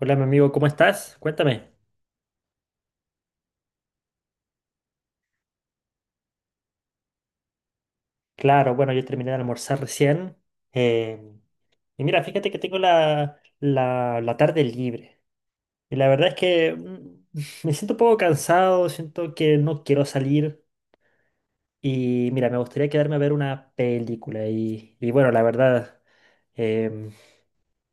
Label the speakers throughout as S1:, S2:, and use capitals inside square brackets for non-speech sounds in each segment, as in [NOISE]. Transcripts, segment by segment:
S1: Hola, mi amigo, ¿cómo estás? Cuéntame. Claro, bueno, yo terminé de almorzar recién. eh, y mira, fíjate que tengo la tarde libre. Y la verdad es que [LAUGHS] me siento un poco cansado, siento que no quiero salir. Y mira, me gustaría quedarme a ver una película. Y bueno, la verdad, em,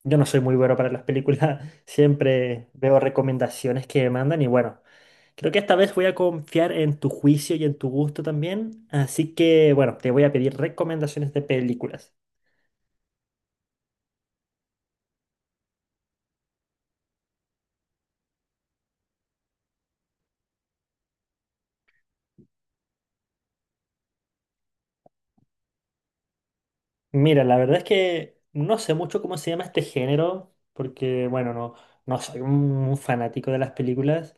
S1: yo no soy muy bueno para las películas, [LAUGHS] siempre veo recomendaciones que me mandan y bueno, creo que esta vez voy a confiar en tu juicio y en tu gusto también, así que bueno, te voy a pedir recomendaciones de películas. Mira, la verdad es que no sé mucho cómo se llama este género, porque bueno, no, no soy un fanático de las películas.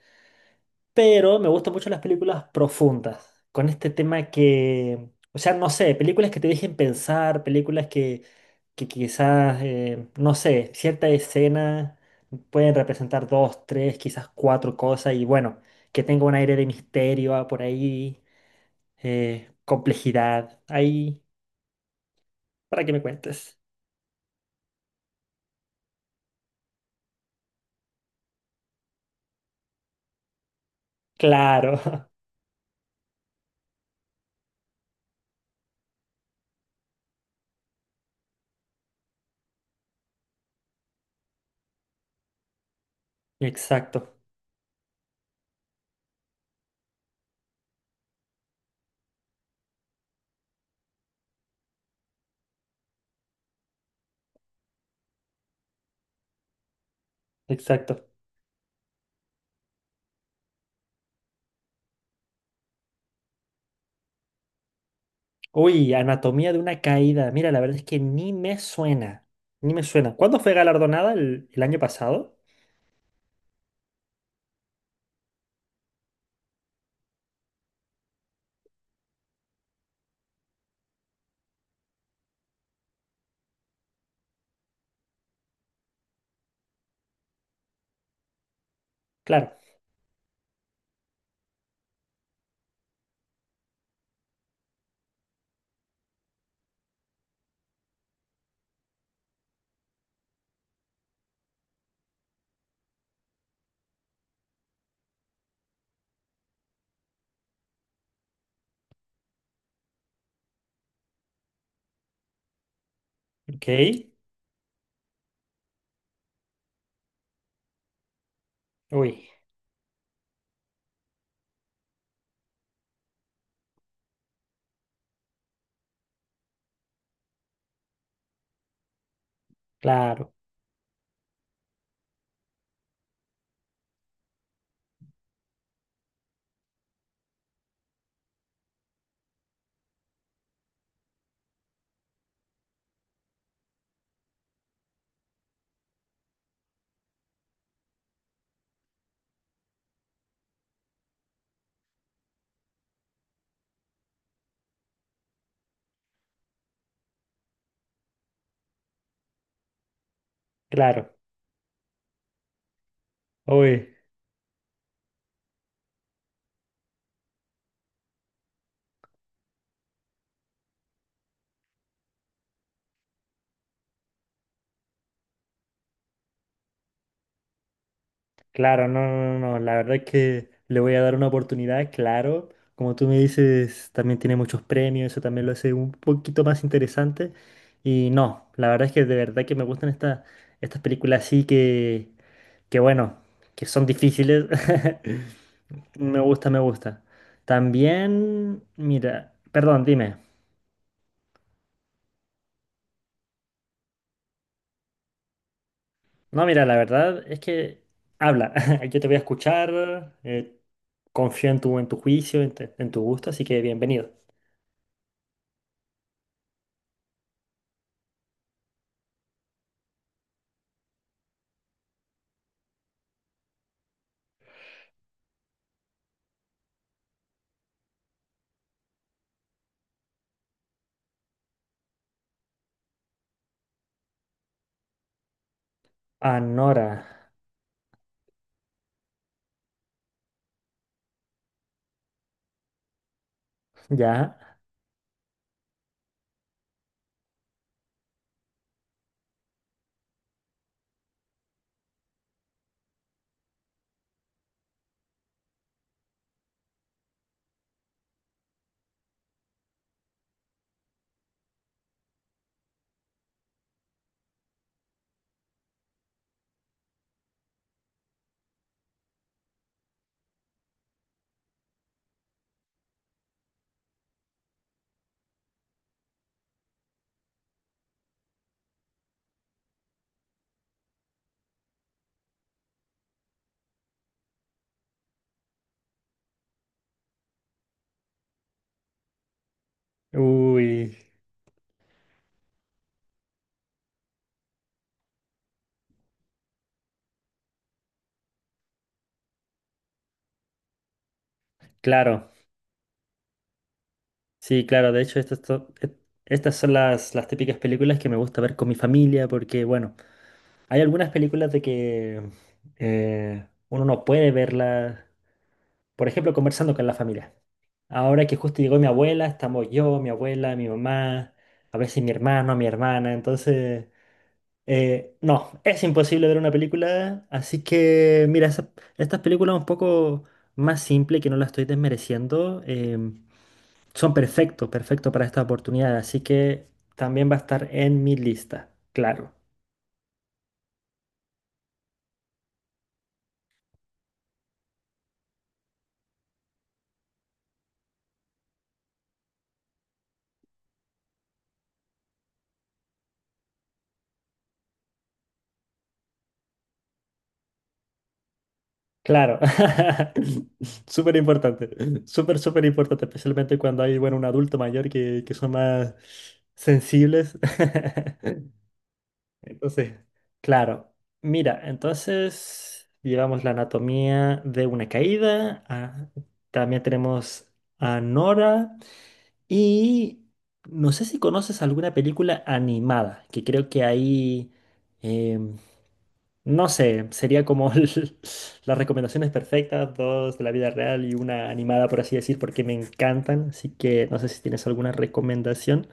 S1: Pero me gustan mucho las películas profundas, con este tema que, o sea, no sé, películas que te dejen pensar, películas que quizás, no sé, cierta escena pueden representar dos, tres, quizás cuatro cosas y bueno, que tenga un aire de misterio ah, por ahí, complejidad, ahí, para que me cuentes. Claro, [LAUGHS] exacto, exacto. Uy, Anatomía de una caída. Mira, la verdad es que ni me suena. Ni me suena. ¿Cuándo fue galardonada? ¿El año pasado? Claro. Ok. Uy, claro, claro. Uy, claro, no, no, no, no, la verdad es que le voy a dar una oportunidad, claro. Como tú me dices, también tiene muchos premios, eso también lo hace un poquito más interesante. Y no, la verdad es que de verdad que me gustan estas películas así que bueno, que son difíciles. [LAUGHS] Me gusta, me gusta. También, mira, perdón, dime. No, mira, la verdad es que habla. [LAUGHS] Yo te voy a escuchar. Confío en tu juicio, en tu gusto, así que bienvenido. Anora, ¿ya? Uy, claro. Sí, claro. De hecho, estas son las típicas películas que me gusta ver con mi familia porque, bueno, hay algunas películas de que uno no puede verlas, por ejemplo, conversando con la familia. Ahora que justo llegó mi abuela, estamos yo, mi abuela, mi mamá, a veces mi hermano, mi hermana. Entonces, no, es imposible ver una película. Así que, mira, estas películas un poco más simples, que no las estoy desmereciendo, em, son perfectos, perfectos para esta oportunidad. Así que también va a estar en mi lista, claro. Claro, [LAUGHS] súper importante, súper, súper importante, especialmente cuando hay, bueno, un adulto mayor que son más sensibles. [LAUGHS] Entonces, claro, mira, entonces llevamos la Anatomía de una caída, ah, también tenemos a Nora y no sé si conoces alguna película animada, que creo que ahí... em, no sé, sería como [LAUGHS] las recomendaciones perfectas, dos de la vida real y una animada, por así decir, porque me encantan. Así que no sé si tienes alguna recomendación.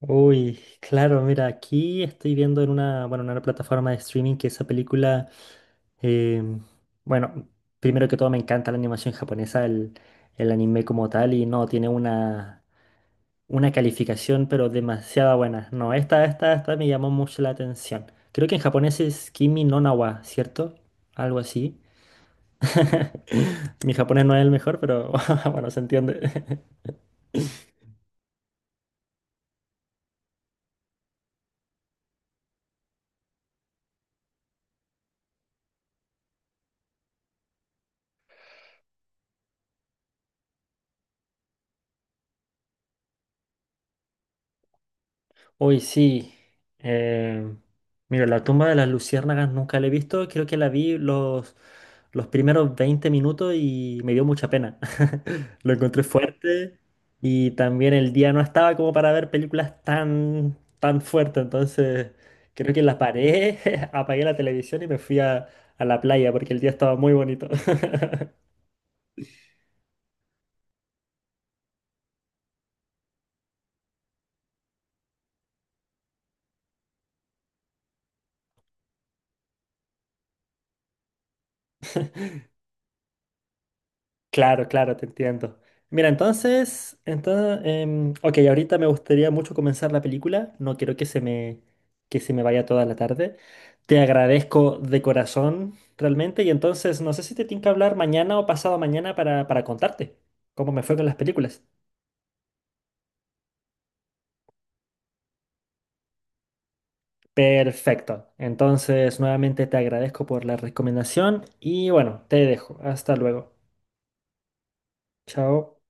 S1: Uy, claro, mira, aquí estoy viendo en una, bueno, en una plataforma de streaming que esa película, em, bueno, primero que todo me encanta la animación japonesa, el anime como tal, y no, tiene una una calificación, pero demasiado buena. No, esta me llamó mucho la atención. Creo que en japonés es Kimi no na wa, ¿cierto? Algo así. [LAUGHS] Mi japonés no es el mejor, pero [LAUGHS] bueno, se entiende. [LAUGHS] Hoy sí. eh, Mira, La tumba de las luciérnagas nunca la he visto. Creo que la vi los primeros 20 minutos y me dio mucha pena. Lo encontré fuerte y también el día no estaba como para ver películas tan, tan fuertes. Entonces, creo que la paré, [LAUGHS] apagué la televisión y me fui a la playa porque el día estaba muy bonito. [LAUGHS] Claro, claro, te entiendo. Mira, entonces, entonces, ok, ahorita me gustaría mucho comenzar la película. No quiero que se me vaya toda la tarde. Te agradezco de corazón, realmente. Y entonces, no sé si te tengo que hablar mañana o pasado mañana para contarte cómo me fue con las películas. Perfecto. Entonces, nuevamente te agradezco por la recomendación y bueno, te dejo. Hasta luego. Chao.